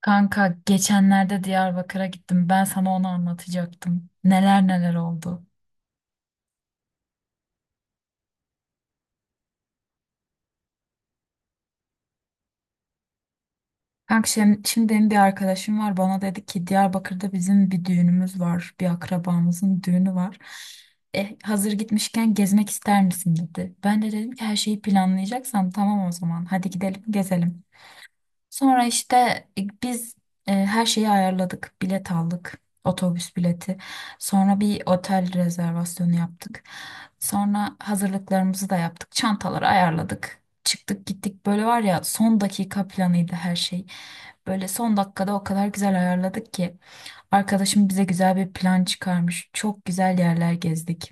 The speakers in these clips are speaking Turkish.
Kanka geçenlerde Diyarbakır'a gittim. Ben sana onu anlatacaktım. Neler neler oldu. Kanka şimdi, benim bir arkadaşım var. Bana dedi ki Diyarbakır'da bizim bir düğünümüz var. Bir akrabamızın düğünü var. Hazır gitmişken gezmek ister misin dedi. Ben de dedim ki her şeyi planlayacaksan tamam o zaman. Hadi gidelim gezelim. Sonra işte biz her şeyi ayarladık. Bilet aldık. Otobüs bileti. Sonra bir otel rezervasyonu yaptık. Sonra hazırlıklarımızı da yaptık. Çantaları ayarladık. Çıktık gittik. Böyle var ya son dakika planıydı her şey. Böyle son dakikada o kadar güzel ayarladık ki. Arkadaşım bize güzel bir plan çıkarmış. Çok güzel yerler gezdik.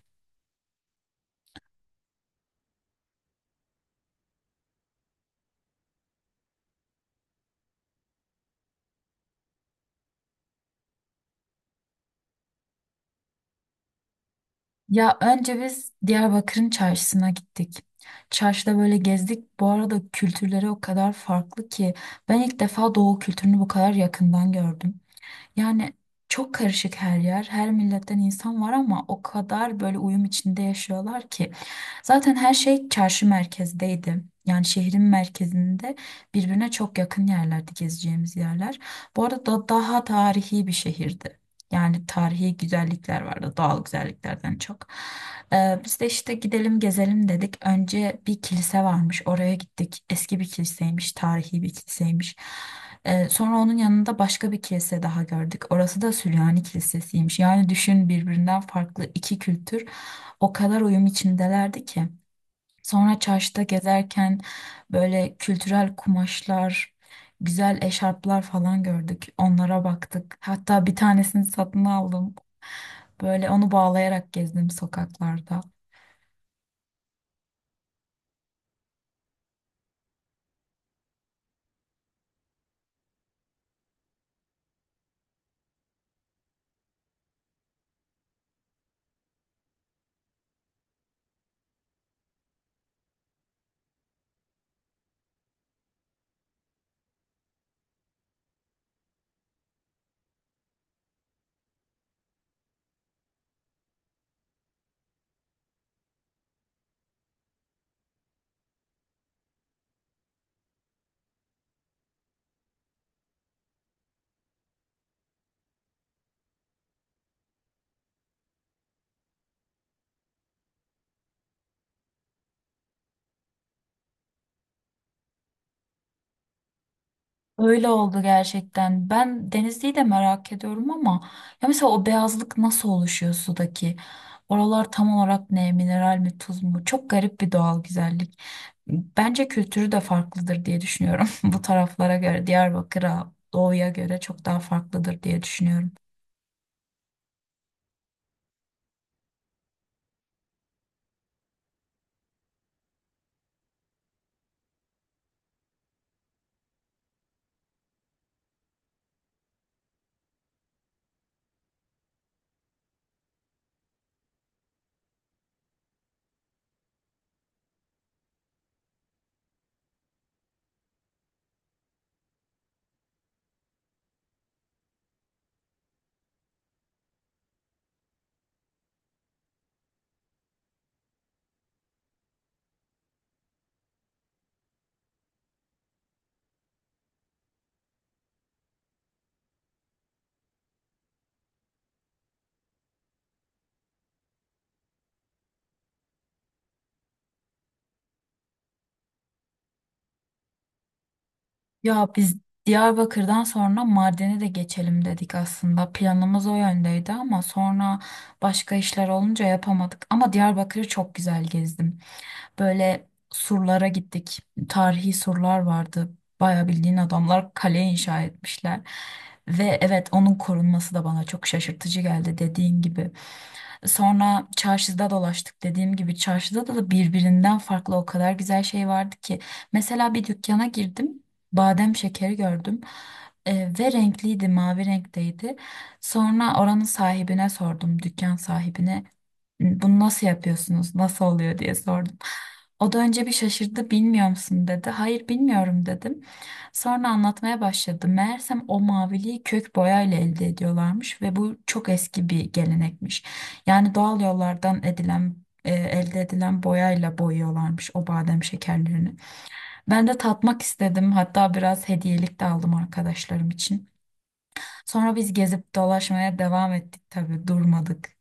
Ya önce biz Diyarbakır'ın çarşısına gittik. Çarşıda böyle gezdik. Bu arada kültürleri o kadar farklı ki ben ilk defa Doğu kültürünü bu kadar yakından gördüm. Yani çok karışık her yer, her milletten insan var ama o kadar böyle uyum içinde yaşıyorlar ki. Zaten her şey çarşı merkezdeydi. Yani şehrin merkezinde birbirine çok yakın yerlerde gezeceğimiz yerler. Bu arada daha tarihi bir şehirdi. Yani tarihi güzellikler vardı, doğal güzelliklerden çok. Biz de işte gidelim gezelim dedik. Önce bir kilise varmış, oraya gittik. Eski bir kiliseymiş, tarihi bir kiliseymiş. Sonra onun yanında başka bir kilise daha gördük. Orası da Süryani Kilisesiymiş. Yani düşün birbirinden farklı iki kültür o kadar uyum içindelerdi ki. Sonra çarşıda gezerken böyle kültürel kumaşlar, güzel eşarplar falan gördük. Onlara baktık. Hatta bir tanesini satın aldım. Böyle onu bağlayarak gezdim sokaklarda. Öyle oldu gerçekten. Ben Denizli'yi de merak ediyorum ama ya mesela o beyazlık nasıl oluşuyor sudaki? Oralar tam olarak ne? Mineral mi, tuz mu? Çok garip bir doğal güzellik. Bence kültürü de farklıdır diye düşünüyorum. Bu taraflara göre, Diyarbakır'a, Doğu'ya göre çok daha farklıdır diye düşünüyorum. Ya biz Diyarbakır'dan sonra Mardin'e de geçelim dedik aslında. Planımız o yöndeydi ama sonra başka işler olunca yapamadık. Ama Diyarbakır'ı çok güzel gezdim. Böyle surlara gittik. Tarihi surlar vardı. Bayağı bildiğin adamlar kale inşa etmişler. Ve evet onun korunması da bana çok şaşırtıcı geldi dediğin gibi. Sonra çarşıda dolaştık. Dediğim gibi çarşıda da birbirinden farklı o kadar güzel şey vardı ki. Mesela bir dükkana girdim. Badem şekeri gördüm. Ve renkliydi, mavi renkteydi. Sonra oranın sahibine sordum, dükkan sahibine bunu nasıl yapıyorsunuz, nasıl oluyor diye sordum. O da önce bir şaşırdı, bilmiyor musun dedi. Hayır bilmiyorum dedim. Sonra anlatmaya başladı. Meğersem o maviliği kök boyayla elde ediyorlarmış ve bu çok eski bir gelenekmiş. Yani doğal yollardan elde edilen boyayla boyuyorlarmış o badem şekerlerini. Ben de tatmak istedim. Hatta biraz hediyelik de aldım arkadaşlarım için. Sonra biz gezip dolaşmaya devam ettik tabii durmadık.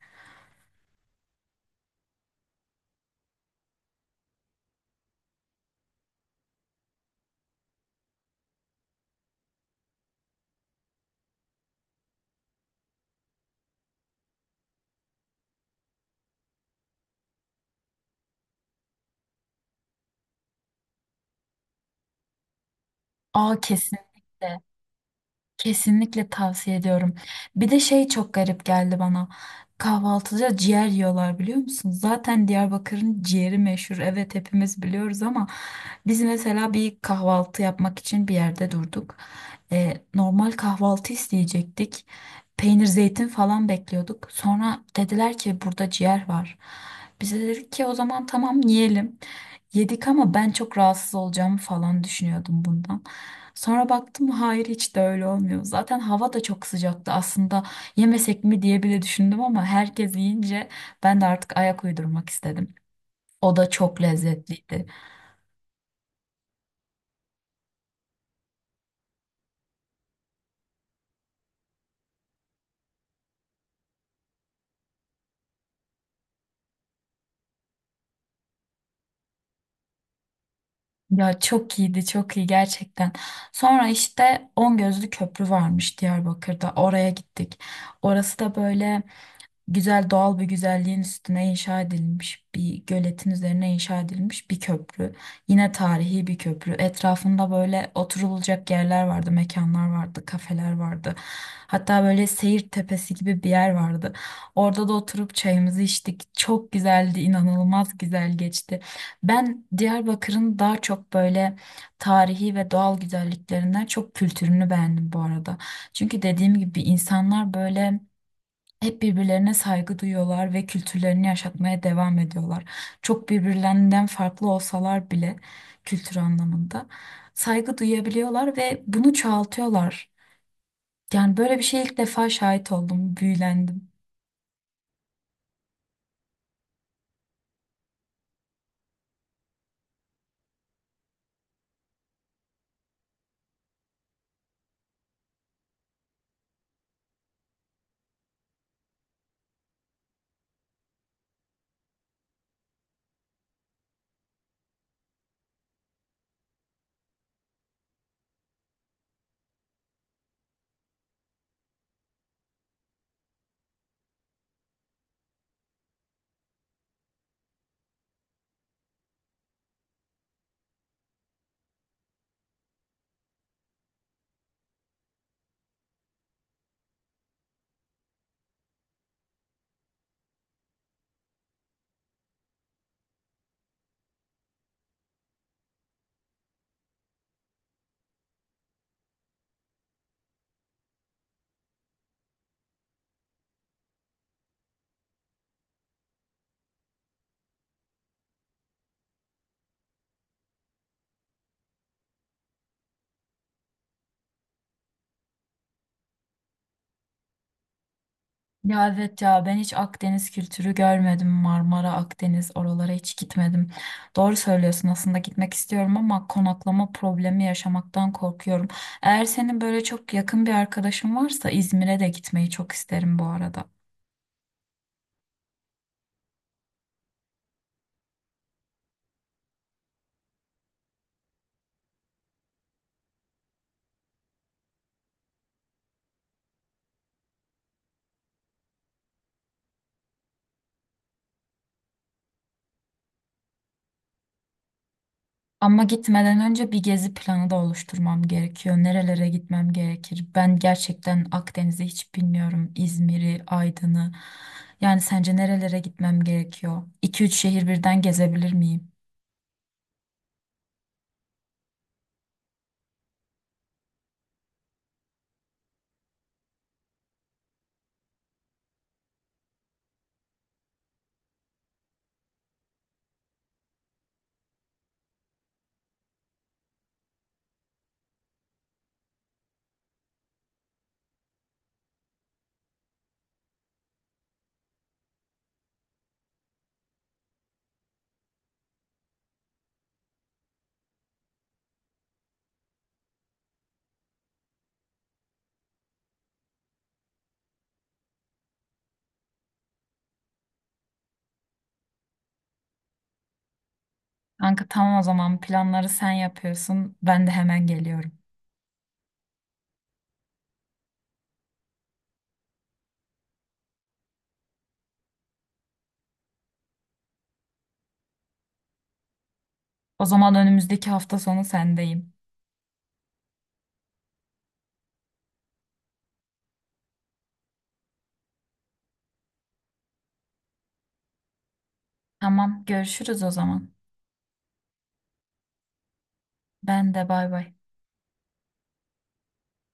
Aa kesinlikle. Kesinlikle tavsiye ediyorum. Bir de şey çok garip geldi bana. Kahvaltıda ciğer yiyorlar biliyor musun? Zaten Diyarbakır'ın ciğeri meşhur. Evet hepimiz biliyoruz ama biz mesela bir kahvaltı yapmak için bir yerde durduk. Normal kahvaltı isteyecektik. Peynir, zeytin falan bekliyorduk. Sonra dediler ki burada ciğer var. Bize dedik ki o zaman tamam yiyelim. Yedik ama ben çok rahatsız olacağımı falan düşünüyordum bundan. Sonra baktım hayır hiç de öyle olmuyor. Zaten hava da çok sıcaktı aslında yemesek mi diye bile düşündüm ama herkes yiyince ben de artık ayak uydurmak istedim. O da çok lezzetliydi. Ya çok iyiydi, çok iyi gerçekten. Sonra işte On Gözlü Köprü varmış Diyarbakır'da. Oraya gittik. Orası da böyle güzel doğal bir güzelliğin üstüne inşa edilmiş bir göletin üzerine inşa edilmiş bir köprü. Yine tarihi bir köprü. Etrafında böyle oturulacak yerler vardı, mekanlar vardı, kafeler vardı. Hatta böyle seyir tepesi gibi bir yer vardı. Orada da oturup çayımızı içtik. Çok güzeldi, inanılmaz güzel geçti. Ben Diyarbakır'ın daha çok böyle tarihi ve doğal güzelliklerinden çok kültürünü beğendim bu arada. Çünkü dediğim gibi insanlar böyle hep birbirlerine saygı duyuyorlar ve kültürlerini yaşatmaya devam ediyorlar. Çok birbirlerinden farklı olsalar bile kültür anlamında saygı duyabiliyorlar ve bunu çoğaltıyorlar. Yani böyle bir şeye ilk defa şahit oldum, büyülendim. Ya evet ya ben hiç Akdeniz kültürü görmedim. Marmara, Akdeniz oralara hiç gitmedim. Doğru söylüyorsun aslında gitmek istiyorum ama konaklama problemi yaşamaktan korkuyorum. Eğer senin böyle çok yakın bir arkadaşın varsa İzmir'e de gitmeyi çok isterim bu arada. Ama gitmeden önce bir gezi planı da oluşturmam gerekiyor. Nerelere gitmem gerekir? Ben gerçekten Akdeniz'i hiç bilmiyorum. İzmir'i, Aydın'ı. Yani sence nerelere gitmem gerekiyor? 2-3 şehir birden gezebilir miyim? Kanka tamam o zaman planları sen yapıyorsun. Ben de hemen geliyorum. O zaman önümüzdeki hafta sonu sendeyim. Tamam görüşürüz o zaman. Ben de bay bay.